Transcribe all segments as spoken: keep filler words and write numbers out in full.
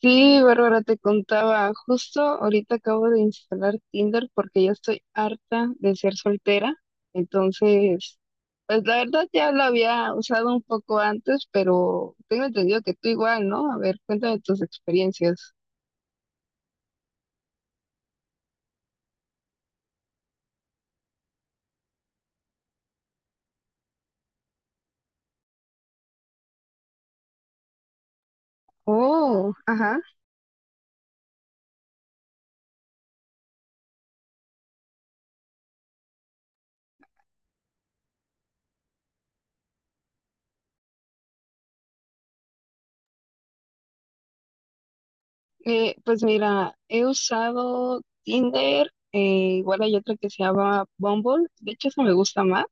Sí, Bárbara, te contaba, justo ahorita acabo de instalar Tinder porque ya estoy harta de ser soltera. Entonces, pues la verdad ya lo había usado un poco antes, pero tengo entendido que tú igual, ¿no? A ver, cuéntame tus experiencias. Oh, ajá. Eh, pues mira, he usado Tinder, eh, igual hay otra que se llama Bumble. De hecho, esa me gusta más.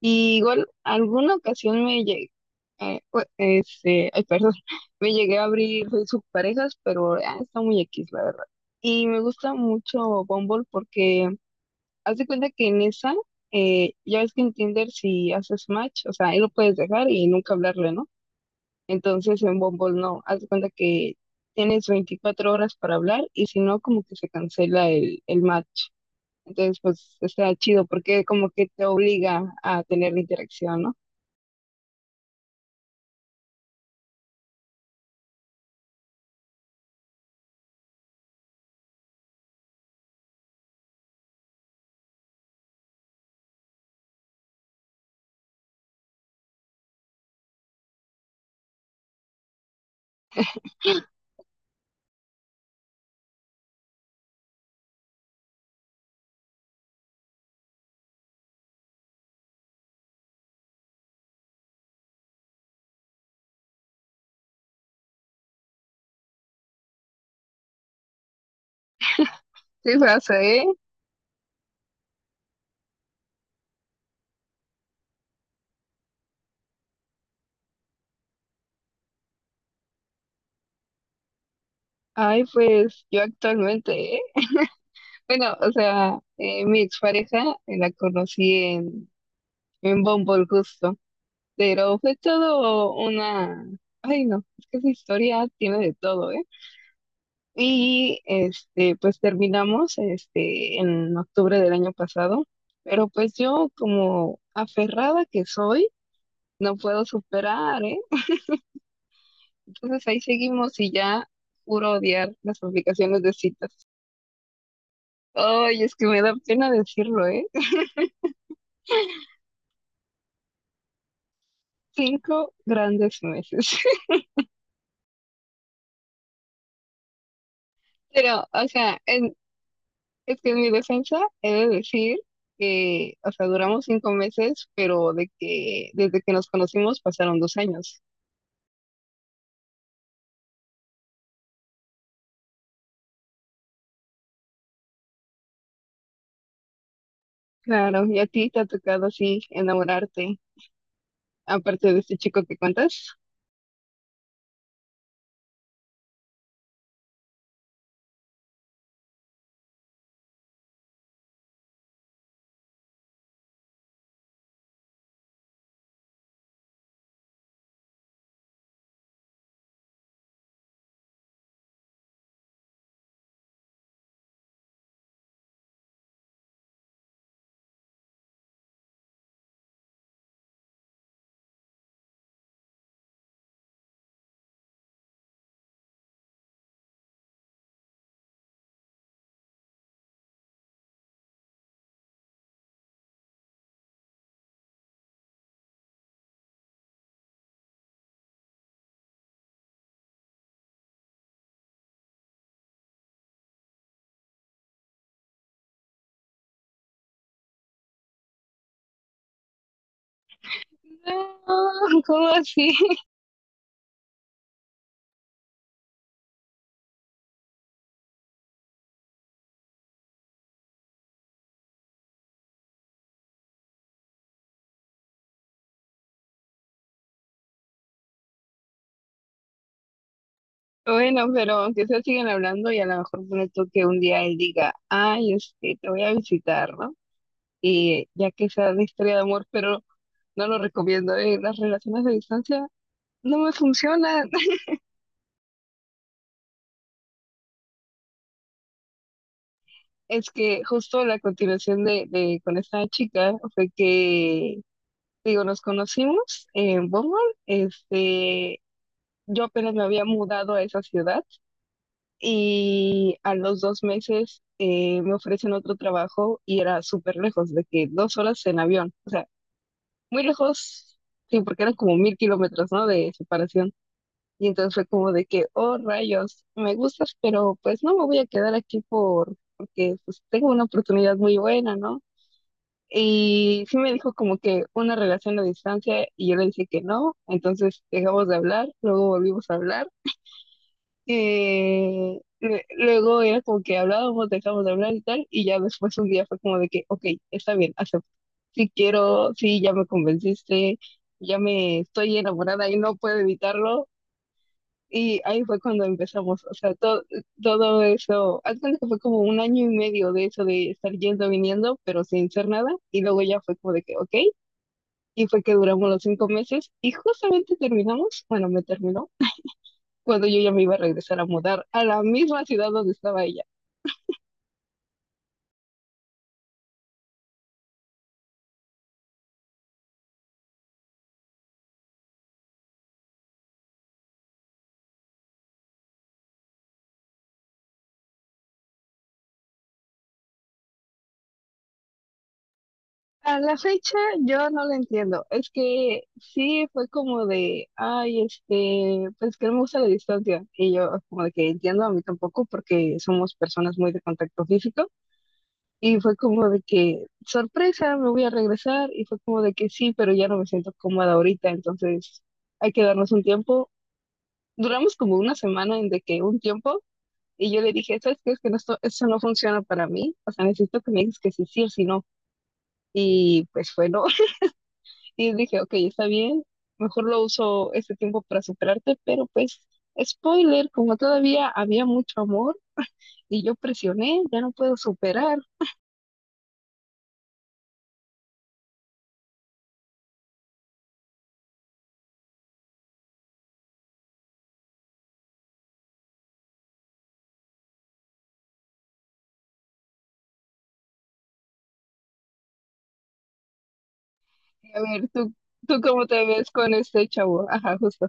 Y igual, alguna ocasión me llegué, eh, ue- este, ay, perdón, me llegué a abrir sus parejas pero ah, está muy X, la verdad. Y me gusta mucho Bumble porque haz de cuenta que en esa, eh, ya ves que en Tinder si haces match, o sea, ahí lo puedes dejar y nunca hablarle, ¿no? Entonces en Bumble no, haz de cuenta que tienes veinticuatro horas para hablar y si no, como que se cancela el, el match. Entonces, pues está chido porque como que te obliga a tener la interacción, ¿no? Sí pasa, ¿eh? Ay, pues yo actualmente, ¿eh? Bueno, o sea, eh, mi expareja eh, la conocí en, en Bumble justo, pero fue todo una... Ay, no, es que esa historia tiene de todo, ¿eh? Y, este, pues terminamos, este, en octubre del año pasado, pero pues yo como aferrada que soy, no puedo superar, ¿eh? Entonces ahí seguimos y ya juro odiar las aplicaciones de citas. Ay, es que me da pena decirlo, ¿eh? Cinco grandes meses. Pero, o sea, en- es que en mi defensa he de decir que, o sea, duramos cinco meses, pero de que desde que nos conocimos pasaron dos años. Claro, y a ti te ha tocado así enamorarte, aparte de este chico que cuentas. No, ¿cómo así? Bueno, pero aunque sea siguen hablando y a lo mejor pone tú que un día él diga, ay, este, te voy a visitar, ¿no? Y ya que sea una historia de amor, pero no lo recomiendo, eh, las relaciones a distancia no me funcionan. Es que justo la continuación de, de- con esta chica fue que, digo, nos conocimos en Bumble. Este, yo apenas me había mudado a esa ciudad y a los dos meses eh, me ofrecen otro trabajo y era súper lejos, de que dos horas en avión. O sea, muy lejos, sí, porque eran como mil kilómetros, ¿no? De separación. Y entonces fue como de que, oh rayos, me gustas, pero pues no me voy a quedar aquí por, porque pues tengo una oportunidad muy buena, ¿no? Y sí me dijo como que una relación a distancia y yo le dije que no, entonces dejamos de hablar, luego volvimos a hablar. eh, lue- luego era como que hablábamos, dejamos de hablar y tal, y ya después un día fue como de que, ok, está bien, acepto. Sí quiero, sí, ya me convenciste, ya me estoy enamorada y no puedo evitarlo, y ahí fue cuando empezamos, o sea, todo, todo eso, haz cuenta que fue como un año y medio de eso de estar yendo, viniendo, pero sin hacer nada, y luego ya fue como de que, ok, y fue que duramos los cinco meses, y justamente terminamos, bueno, me terminó, cuando yo ya me iba a regresar a mudar a la misma ciudad donde estaba ella. A la fecha yo no la entiendo, es que sí fue como de, ay, este, pues que no me gusta la distancia, y yo como de que entiendo a mí tampoco porque somos personas muy de contacto físico. Y fue como de que, sorpresa, me voy a regresar. Y fue como de que sí, pero ya no me siento cómoda ahorita, entonces hay que darnos un tiempo. Duramos como una semana en de que un tiempo. Y yo le dije, ¿sabes qué? Es que no, esto, eso no funciona para mí. O sea, necesito que me digas que sí, sí o sí no. Y pues fue no. Y dije, ok, está bien. Mejor lo uso este tiempo para superarte. Pero pues, spoiler, como todavía había mucho amor y yo presioné, ya no puedo superar. A ver, ¿tú, ¿tú cómo te ves con este chavo? Ajá, justo.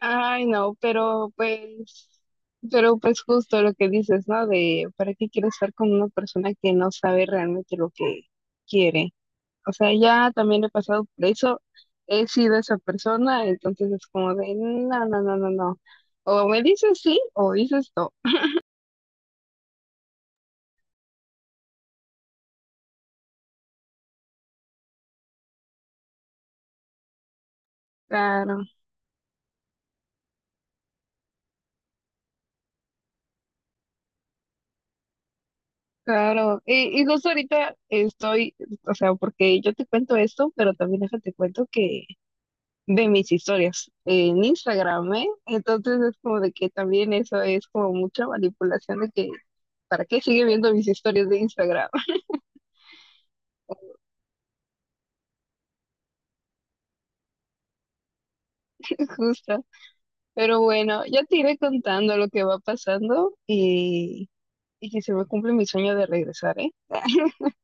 Ay, no, pero pues, pero pues justo lo que dices, ¿no? De, ¿para qué quieres estar con una persona que no sabe realmente lo que quiere? O sea, ya también he pasado por eso, he sido esa persona, entonces es como de, no, no, no, no, no. O me dices sí o dices no. Claro, claro. Y, y justo ahorita estoy, o sea, porque yo te cuento esto, pero también déjate cuento que de mis historias en Instagram, ¿eh? Entonces es como de que también eso es como mucha manipulación de que, ¿para qué sigue viendo mis historias de Instagram? Justo. Pero bueno, ya te iré contando lo que va pasando y, y que se me cumple mi sueño de regresar, ¿eh?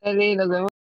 Dale, nos vemos.